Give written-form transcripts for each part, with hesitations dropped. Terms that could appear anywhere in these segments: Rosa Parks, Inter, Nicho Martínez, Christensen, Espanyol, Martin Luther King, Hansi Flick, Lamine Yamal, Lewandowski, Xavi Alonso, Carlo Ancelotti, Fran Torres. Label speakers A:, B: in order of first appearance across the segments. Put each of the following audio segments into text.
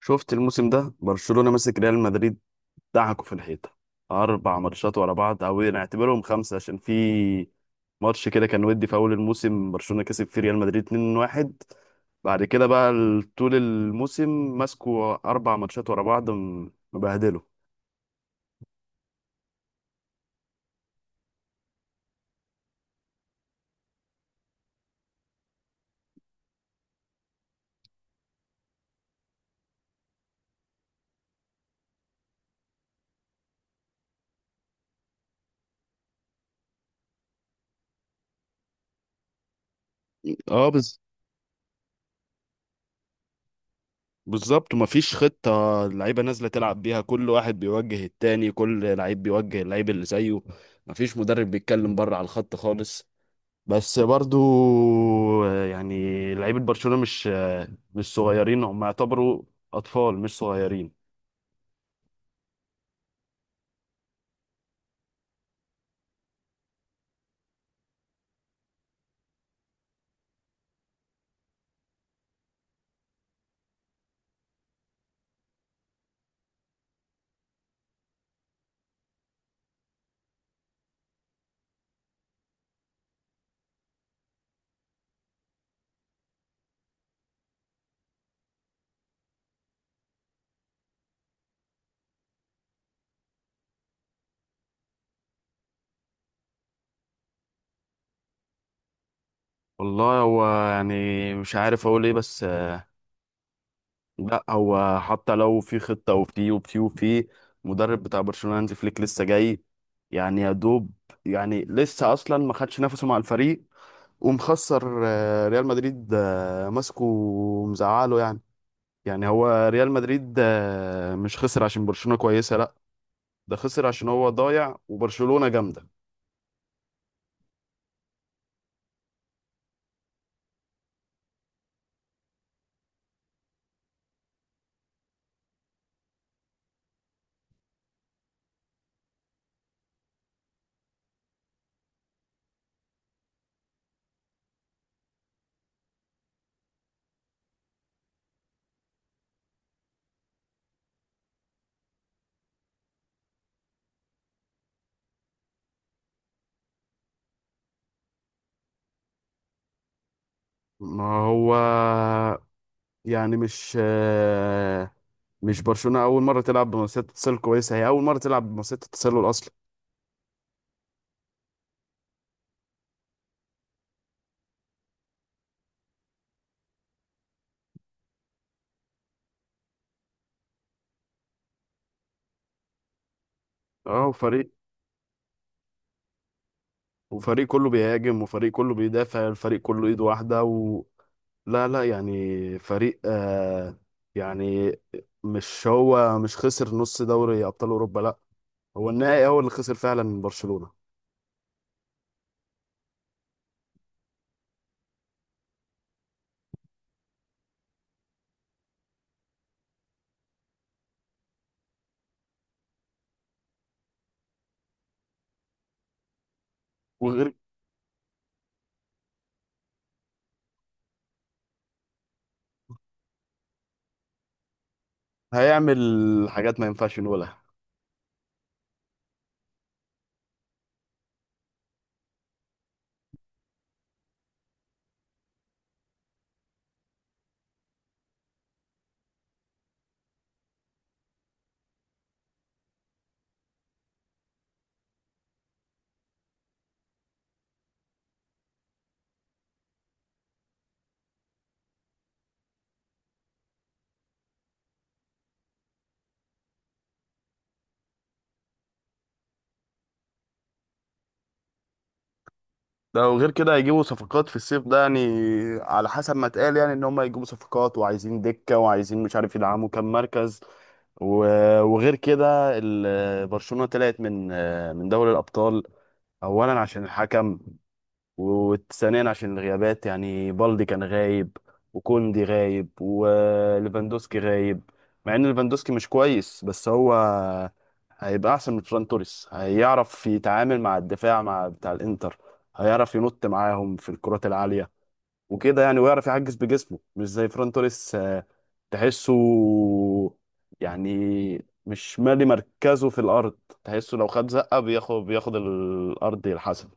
A: شفت الموسم ده برشلونة ماسك ريال مدريد دعكوا في الحيطة. أربع ماتشات ورا بعض، أو نعتبرهم خمسة عشان في ماتش كده كان ودي في أول الموسم برشلونة كسب فيه ريال مدريد 2-1. بعد كده بقى طول الموسم ماسكوا أربع ماتشات ورا بعض مبهدلوا. اه بس. بالظبط، ومفيش خطة، اللعيبة نازلة تلعب بيها كل واحد بيوجه التاني، كل لعيب بيوجه اللعيب اللي زيه. مفيش مدرب بيتكلم بره على الخط خالص. بس برضو يعني لعيبة برشلونة مش مش صغيرين، هم يعتبروا أطفال مش صغيرين. والله هو يعني مش عارف أقول إيه بس لا هو حتى لو في خطة وفي مدرب بتاع برشلونة هانزي فليك لسه جاي. يعني يا دوب، يعني لسه أصلا ما خدش نفسه مع الفريق، ومخسر ريال مدريد ماسكه ومزعله يعني. يعني هو ريال مدريد مش خسر عشان برشلونة كويسة، لا، ده خسر عشان هو ضايع وبرشلونة جامدة. ما هو يعني مش مش برشلونة أول مرة تلعب بمنافسات اتصال كويسة، هي أول مرة تلعب بمنافسات التسلل أصلا. اه وفريق، وفريق كله بيهاجم وفريق كله بيدافع، الفريق كله إيد واحدة و... لا لا يعني فريق آه يعني، مش هو مش خسر نص دوري أبطال أوروبا، لا، هو النهائي هو اللي خسر فعلا من برشلونة. وغير هيعمل حاجات ما ينفعش نقولها. ده وغير كده هيجيبوا صفقات في الصيف ده، يعني على حسب ما اتقال يعني ان هم هيجيبوا صفقات وعايزين دكة وعايزين مش عارف يدعموا كام مركز. وغير كده برشلونة طلعت من دوري الأبطال. أولا عشان الحكم، وثانيا عشان الغيابات، يعني بالدي كان غايب وكوندي غايب وليفاندوسكي غايب. مع ان ليفاندوسكي مش كويس بس هو هيبقى احسن من فران توريس، هيعرف يتعامل مع الدفاع مع بتاع الانتر، هيعرف ينط معاهم في الكرات العالية وكده يعني، ويعرف يعجز بجسمه مش زي فران توريس تحسه يعني مش مالي مركزه في الارض، تحسه لو خد زقة بياخد الارض يلحسها.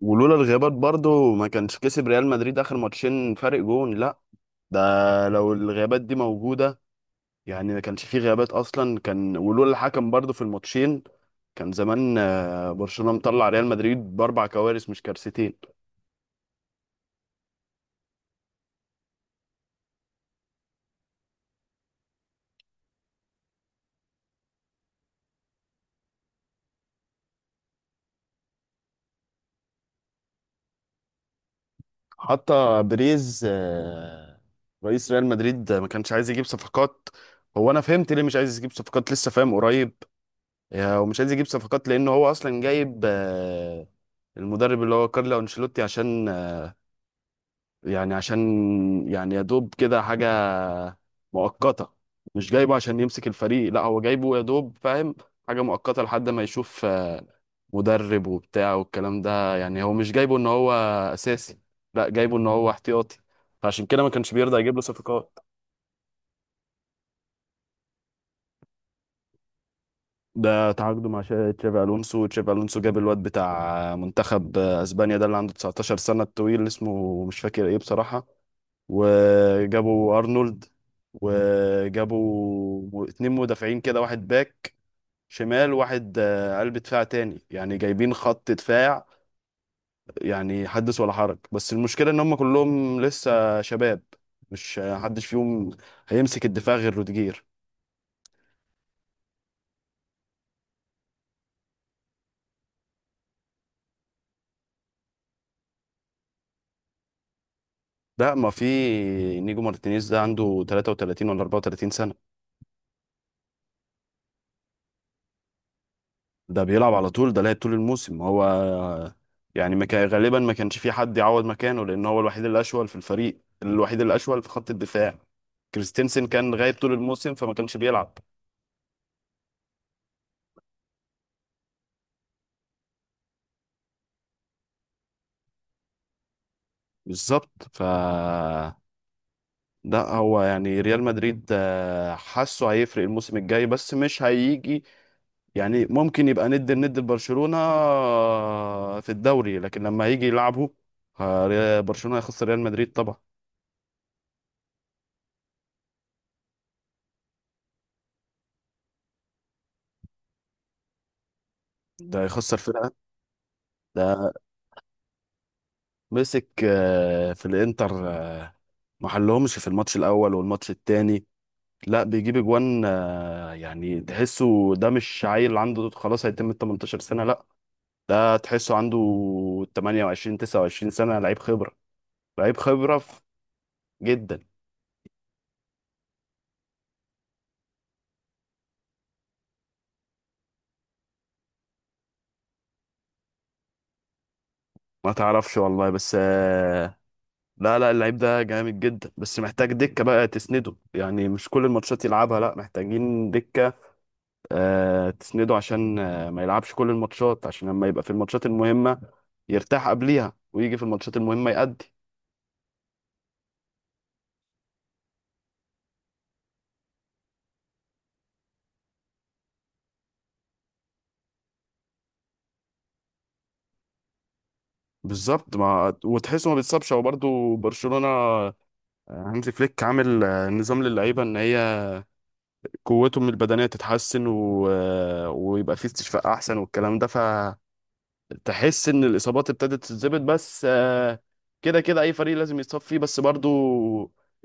A: ولولا الغيابات برضو ما كانش كسب ريال مدريد آخر ماتشين فارق جون، لا، ده لو الغيابات دي موجودة، يعني ما كانش فيه غيابات أصلا، كان ولولا الحكم برضو في الماتشين كان زمان برشلونة مطلع ريال مدريد بأربع كوارث مش كارثتين. حتى بريز رئيس ريال مدريد ما كانش عايز يجيب صفقات. هو أنا فهمت ليه مش عايز يجيب صفقات لسه فاهم قريب. ومش عايز يجيب صفقات لأنه هو أصلا جايب المدرب اللي هو كارلو أنشيلوتي، عشان يعني، عشان يعني يا دوب كده حاجة مؤقتة. مش جايبه عشان يمسك الفريق، لا، هو جايبه يا دوب، فاهم، حاجة مؤقتة لحد ما يشوف مدرب وبتاع والكلام ده، يعني هو مش جايبه ان هو اساسي، لا، جايبه ان هو احتياطي. فعشان كده ما كانش بيرضى يجيب له صفقات. ده تعاقده مع تشافي الونسو، تشافي الونسو جاب الواد بتاع منتخب اسبانيا ده اللي عنده 19 سنة الطويل اسمه مش فاكر ايه بصراحة. وجابوا ارنولد، وجابوا اتنين مدافعين كده، واحد باك شمال، واحد قلب دفاع تاني، يعني جايبين خط دفاع، يعني حدث ولا حرج. بس المشكلة ان هم كلهم لسه شباب، مش حدش فيهم هيمسك الدفاع غير روديجير. لا ما في، نيجو مارتينيز ده عنده 33 ولا 34 سنة. ده بيلعب على طول، ده لعب طول الموسم هو، يعني ما كان غالبا، ما كانش في حد يعوض مكانه لان هو الوحيد الاشول في الفريق، الوحيد الاشول في خط الدفاع. كريستنسن كان غايب طول الموسم فما كانش بيلعب. بالظبط، ف ده هو يعني ريال مدريد حاسه هيفرق الموسم الجاي بس مش هيجي. يعني ممكن يبقى ند الند لبرشلونة في الدوري، لكن لما هيجي يلعبه برشلونة هيخسر ريال مدريد طبعا. ده هيخسر فرقة. ده مسك في الانتر ما حلهمش في الماتش الاول والماتش التاني، لا بيجيب اجوان يعني تحسه ده مش عيل عنده خلاص هيتم ال 18 سنه، لا، ده تحسه عنده 28 29 سنه، لعيب خبره، لعيب خبره جدا. ما تعرفش والله، بس لا لا، اللعيب ده جامد جدا بس محتاج دكه بقى تسنده، يعني مش كل الماتشات يلعبها، لا، محتاجين دكه تسنده عشان ما يلعبش كل الماتشات، عشان لما يبقى في الماتشات المهمة يرتاح قبليها، ويجي في الماتشات المهمة يأدي. بالظبط، ما وتحسه ما بيتصابش هو برضه، برشلونة هانزي فليك عامل نظام للعيبة ان هي قوتهم البدنية تتحسن و... ويبقى في استشفاء احسن والكلام ده، فتحس ان الإصابات ابتدت تتظبط. بس كده كده اي فريق لازم يتصاب فيه، بس برضه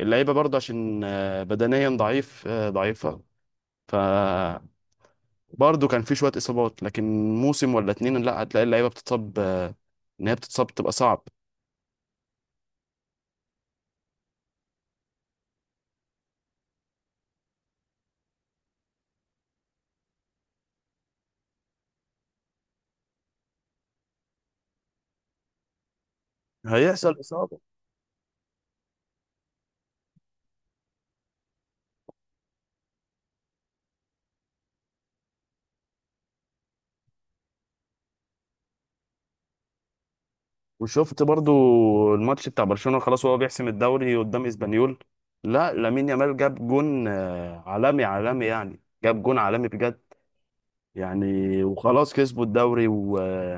A: اللعيبة برضه عشان بدنيا ضعيف ضعيفة، ف برضه كان في شوية إصابات. لكن موسم ولا اتنين لا هتلاقي اللعيبة بتتصاب إن هي بتتصاب بتبقى صعب. هيحصل إصابة. وشفت برضه الماتش بتاع برشلونة خلاص وهو بيحسم الدوري قدام إسبانيول، لا لامين يامال جاب جون عالمي عالمي يعني، جاب جون عالمي بجد يعني. وخلاص كسبوا الدوري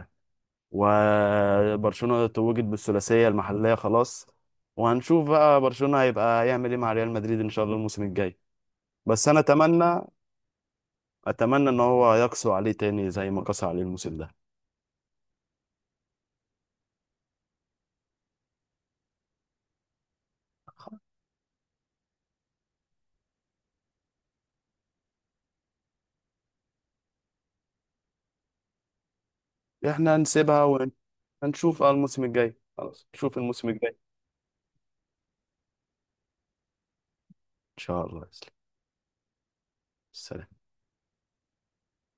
A: وبرشلونة توجت بالثلاثية المحلية خلاص. وهنشوف بقى برشلونة هيبقى يعمل ايه مع ريال مدريد ان شاء الله الموسم الجاي. بس انا اتمنى، اتمنى ان هو يقسو عليه تاني زي ما قسى عليه الموسم ده. احنا هنسيبها ونشوف الموسم الجاي، خلاص، نشوف الموسم الجاي ان شاء الله يا سلام. سلام.